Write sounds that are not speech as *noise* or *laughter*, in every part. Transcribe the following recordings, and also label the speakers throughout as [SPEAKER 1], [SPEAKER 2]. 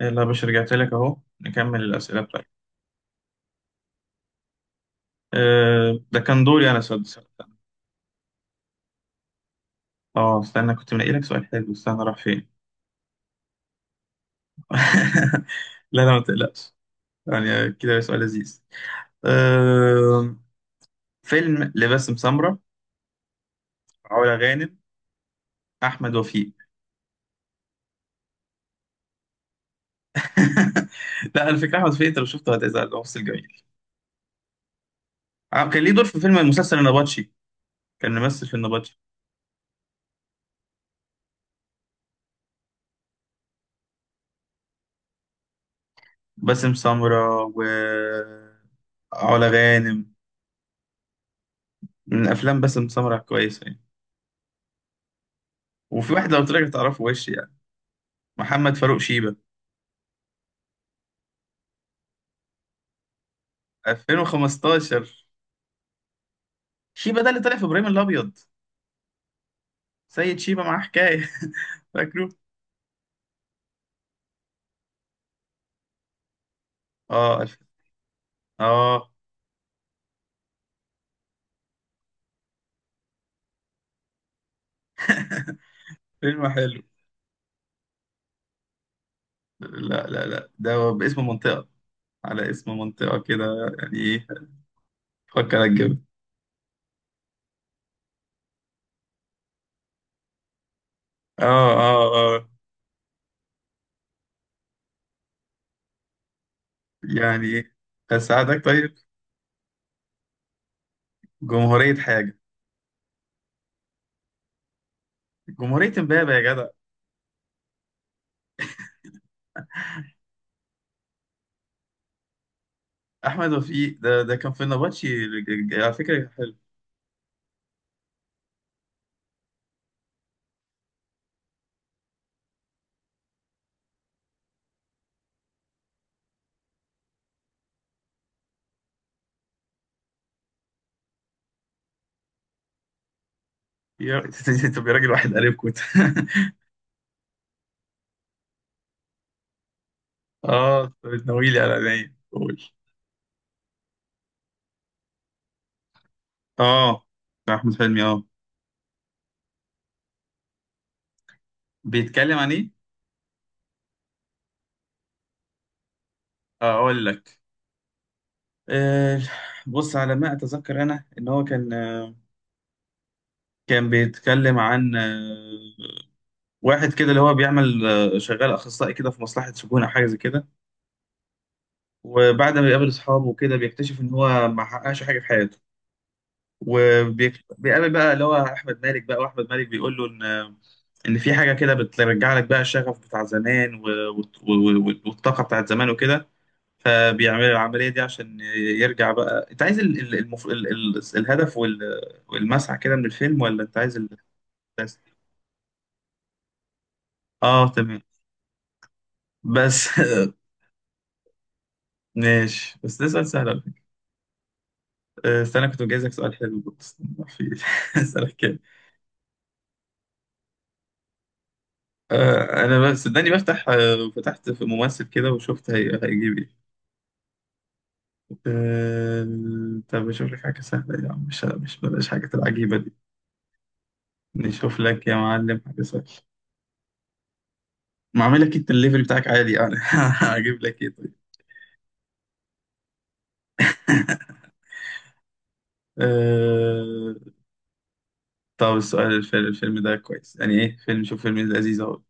[SPEAKER 1] يلا يا باشا رجعت لك اهو نكمل الاسئله بتاعتك. ده كان دوري انا، صدق استنى. اه استنى، كنت منقي لك سؤال حلو، استنى راح فين. *laughs* لا لا ما تقلقش. يعني كده سؤال لذيذ. أه فيلم لباسم سمرة، علا غانم، احمد وفيق. *laughs* لا على فكره احمد وفيق انت لو شفته هتزعل، هو ممثل جميل. كان ليه دور في فيلم المسلسل النبطشي. كان ممثل في النبطشي. باسم سمرة و علا غانم. من افلام باسم سمرة كويسه يعني. وفي واحد لو قلت لك هتعرفه وش يعني. محمد فاروق شيبة. 2015. شيبة ده اللي طلع في ابراهيم الابيض. سيد شيبة معاه حكاية. *laughs* فاكره. اه الف... اه فيلم حلو. لا لا لا ده باسم منطقة، على اسم منطقة كده. يعني ايه؟ فكر الجبل. اه اه اه. يعني ايه؟ هساعدك طيب. جمهورية حاجة، جمهورية امبابة يا جدع. احمد وفيق ده كان في النبطشي، على فكرة حلو. يا *laughs* طب يا راجل واحد قريبكم. *laughs* اه، بتناويلي على عينيا، قول. اه، بتاع احمد حلمي، اه. بيتكلم عن ايه؟ آه، اقول لك. آه بص على ما اتذكر انا، ان هو كان، بيتكلم عن واحد كده اللي هو بيعمل، شغال اخصائي كده في مصلحة سجون او حاجة زي كده. وبعد ما بيقابل اصحابه وكده، بيكتشف ان هو ما حققش حاجة في حياته. وبيقابل بقى اللي هو احمد مالك، بقى واحمد مالك بيقول له ان في حاجه كده بترجع لك بقى الشغف بتاع زمان، والطاقه بتاعت زمان وكده. فبيعمل العمليه دي عشان يرجع بقى. انت عايز ال... ال... المف... ال... ال... الهدف والمسعى كده من الفيلم، ولا انت عايز الاحساس؟ اه تمام. بس. *laughs* ماشي. بس ده سؤال سهل على فكره. آه، استنى كنت مجهزك سؤال حلو بس ما في. *laughs* اسالك كده. انا بس صدقني بفتح، فتحت في ممثل كده وشفت هيجيب ايه. آه، طب اشوف لك حاجة سهلة يا عم، مش بلاش حاجة العجيبة دي. نشوف لك يا معلم حاجة سهلة. ما اعمل لك، انت الليفل بتاعك عالي يعني. *laughs* هجيب لك ايه طيب؟ أه... طب السؤال، الفيلم ده كويس، يعني ايه فيلم، شوف فيلم لذيذ اهو.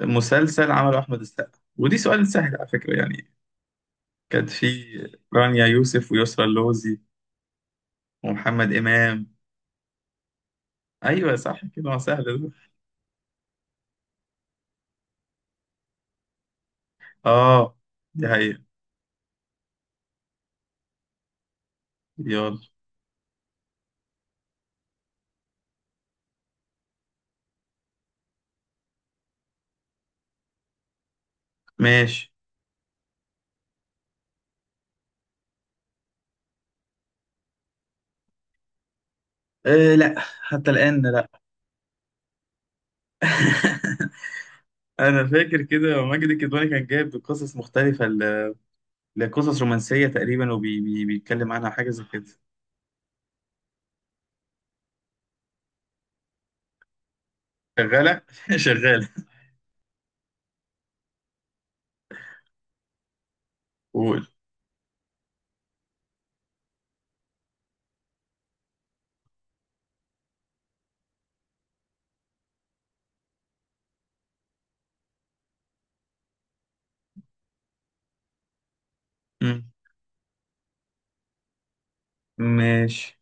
[SPEAKER 1] مسلسل عمله احمد السقا، ودي سؤال سهل على فكرة يعني. كانت في رانيا يوسف ويسرا اللوزي ومحمد امام. ايوه صح كده، ما سهل ده. اه، دي حقيقة. يلا ماشي. لا، حتى الآن. *laughs* انا فاكر كده ماجد الكدواني كان جايب قصص مختلفه لقصص رومانسيه تقريبا، وبيتكلم عنها حاجه زي كده. شغاله *laughs* شغاله. قول. مم. ماشي.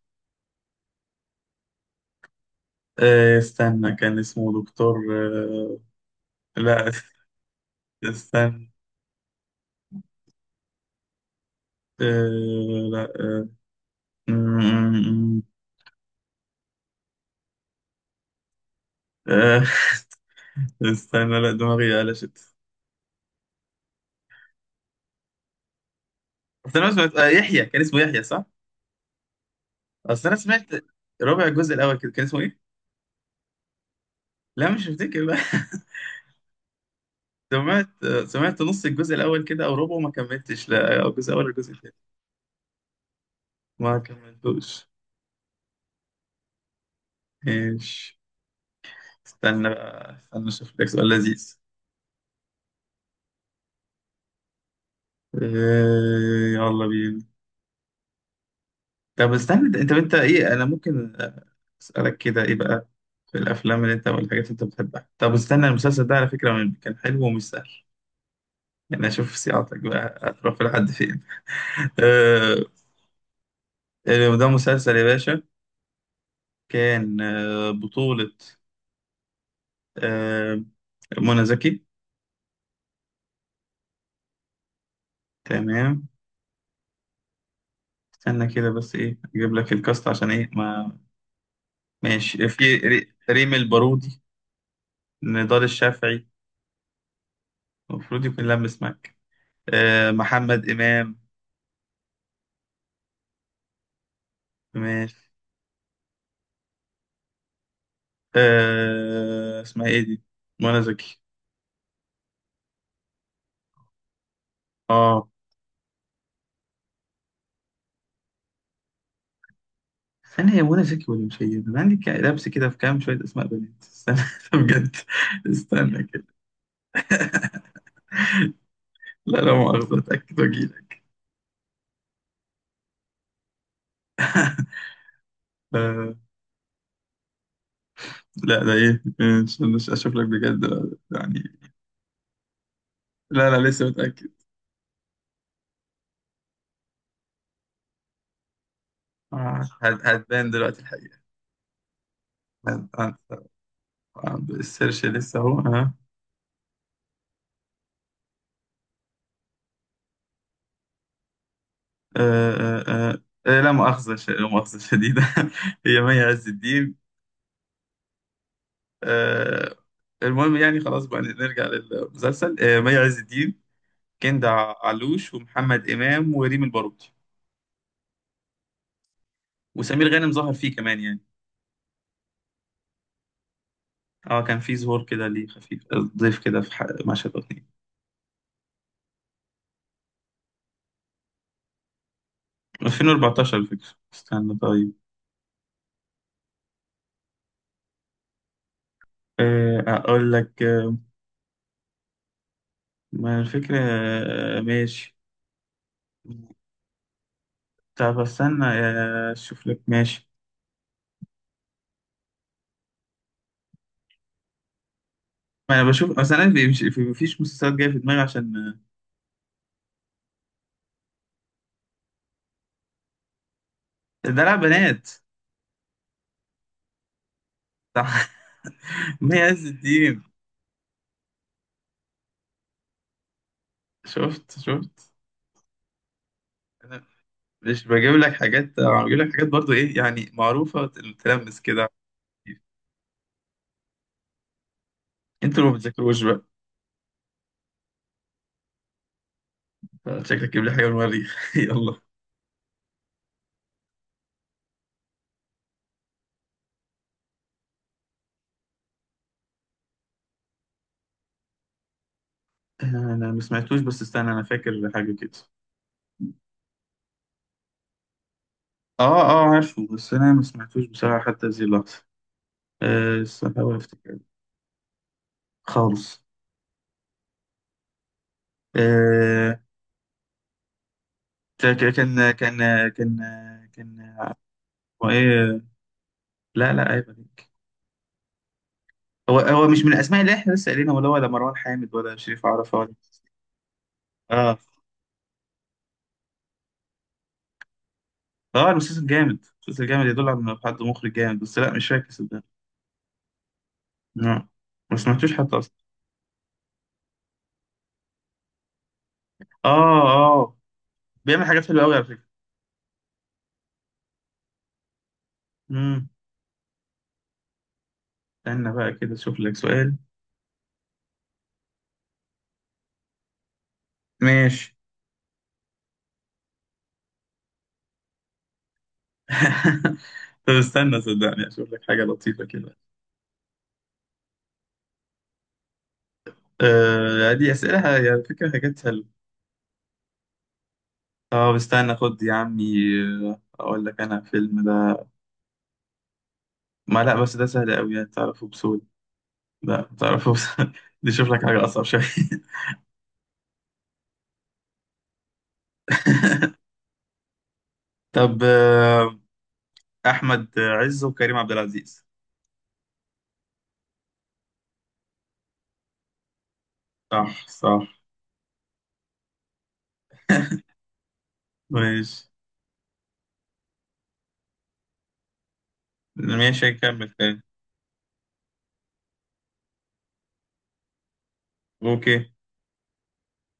[SPEAKER 1] آه، استنى، كان اسمه دكتور، لا، استنى. لا، مم، آه، *laughs* استنى، لا دماغي قلشت. بس انا سمعت، آه، يحيى، كان اسمه يحيى صح؟ اصل انا سمعت ربع الجزء الاول كده، كان اسمه ايه؟ لا مش هفتكر بقى. سمعت، سمعت نص الجزء الاول كده او ربعه، ما كملتش، لا، او الجزء الاول ولا الجزء الثاني. ما كملتوش. ايش. استنى بقى، استنى اشوف لك سؤال لذيذ. إيه؟ يلا بينا. طب استنى، انت ايه، انا ممكن اسالك كده ايه بقى في الافلام اللي انت، والحاجات اللي انت بتحبها؟ طب استنى، المسلسل ده على فكره كان حلو ومش سهل، يعني اشوف صياعتك بقى هتروح لحد فين. *laughs* إيه ده، مسلسل يا باشا. كان بطولة، آه، منى زكي. تمام. استنى كده بس، ايه، اجيب لك الكاست عشان ايه، ما ماشي. في ريم البارودي، نضال الشافعي، المفروض يكون لمس معاك، آه محمد امام. ماشي. اسمها ايه دي، منى زكي. اه استنى، هي منى زكي ولا مش هي؟ انا عندي لبس كده في كام شويه اسماء بنات، استنى *laughs* بجد. استنى كده. لا، لا مؤاخذه، اتاكد واجيلك. آه لا ده ايه، استنى اشوف لك بجد يعني. لا، لا لسه متاكد. آه، هتبان دلوقتي الحقيقة. هت- هت- عند السيرش لسه اهو ها. آه، آه، آه، لا مؤاخذة شديدة. *laughs* هي مي عز الدين. آه، المهم يعني، خلاص بقى نرجع للمسلسل. آه، مي عز الدين، كندا علوش، ومحمد إمام، وريم الباروكي. وسمير غانم ظهر فيه كمان يعني. اه كان في ظهور كده ليه، خفيف، ضيف كده في مشهد او اتنين. 2014 الفكرة. استنى طيب. آه، اقول لك. ما الفكرة. ماشي. طب استنى، اشوف لك. ماشي، ما انا بشوف اصلا، انا مفيش مسلسلات جايه في دماغي عشان. آه، دلع بنات. صح. *laughs* مي عز الدين. شفت شفت. انا مش بجيب لك حاجات، بجيب لك حاجات برضو ايه، يعني معروفه، تلمس كده. انتوا اللي ما بتذاكروش بقى. شكلك جيب لي حاجه من المريخ. *laughs* يلا. انا ما سمعتوش، بس استنى انا فاكر حاجه كده. اه اه عارفه، بس انا ما سمعتوش بصراحه حتى هذه اللحظه. بس هحاول افتكر. خالص. آه، كان كان كان كان كان. هو ايه؟ لا لا عيب عليك. هو هو مش من الاسماء اللي احنا لسه قايلينها، ولا مروان حامد، ولا شريف عرفة، ولا إيه؟ اه اه، المسلسل جامد، المسلسل جامد، يدل على انه حد مخرج جامد، بس لا مش فاكر صدقني. لا، ما سمعتوش حتى اصلا. اه اه، بيعمل حاجات حلوه قوي على فكره. امم. استنى بقى كده اشوف لك سؤال. ماشي. *laughs* طب استنى صدقني اشوف لك حاجه لطيفه كده. دي اسئله على فكره، حاجات. طب استنى خد يا عمي. آه، اقول لك، انا فيلم ده، ما، لا بس ده سهل قوي يعني تعرفه بسهوله. لا تعرفه بسهوله، *laughs* دي شوف لك حاجه اصعب شويه. *laughs* طب، احمد عز وكريم عبد العزيز. صح صح. *laughs* ماشي. ماشي هنكمل تاني. اوكي.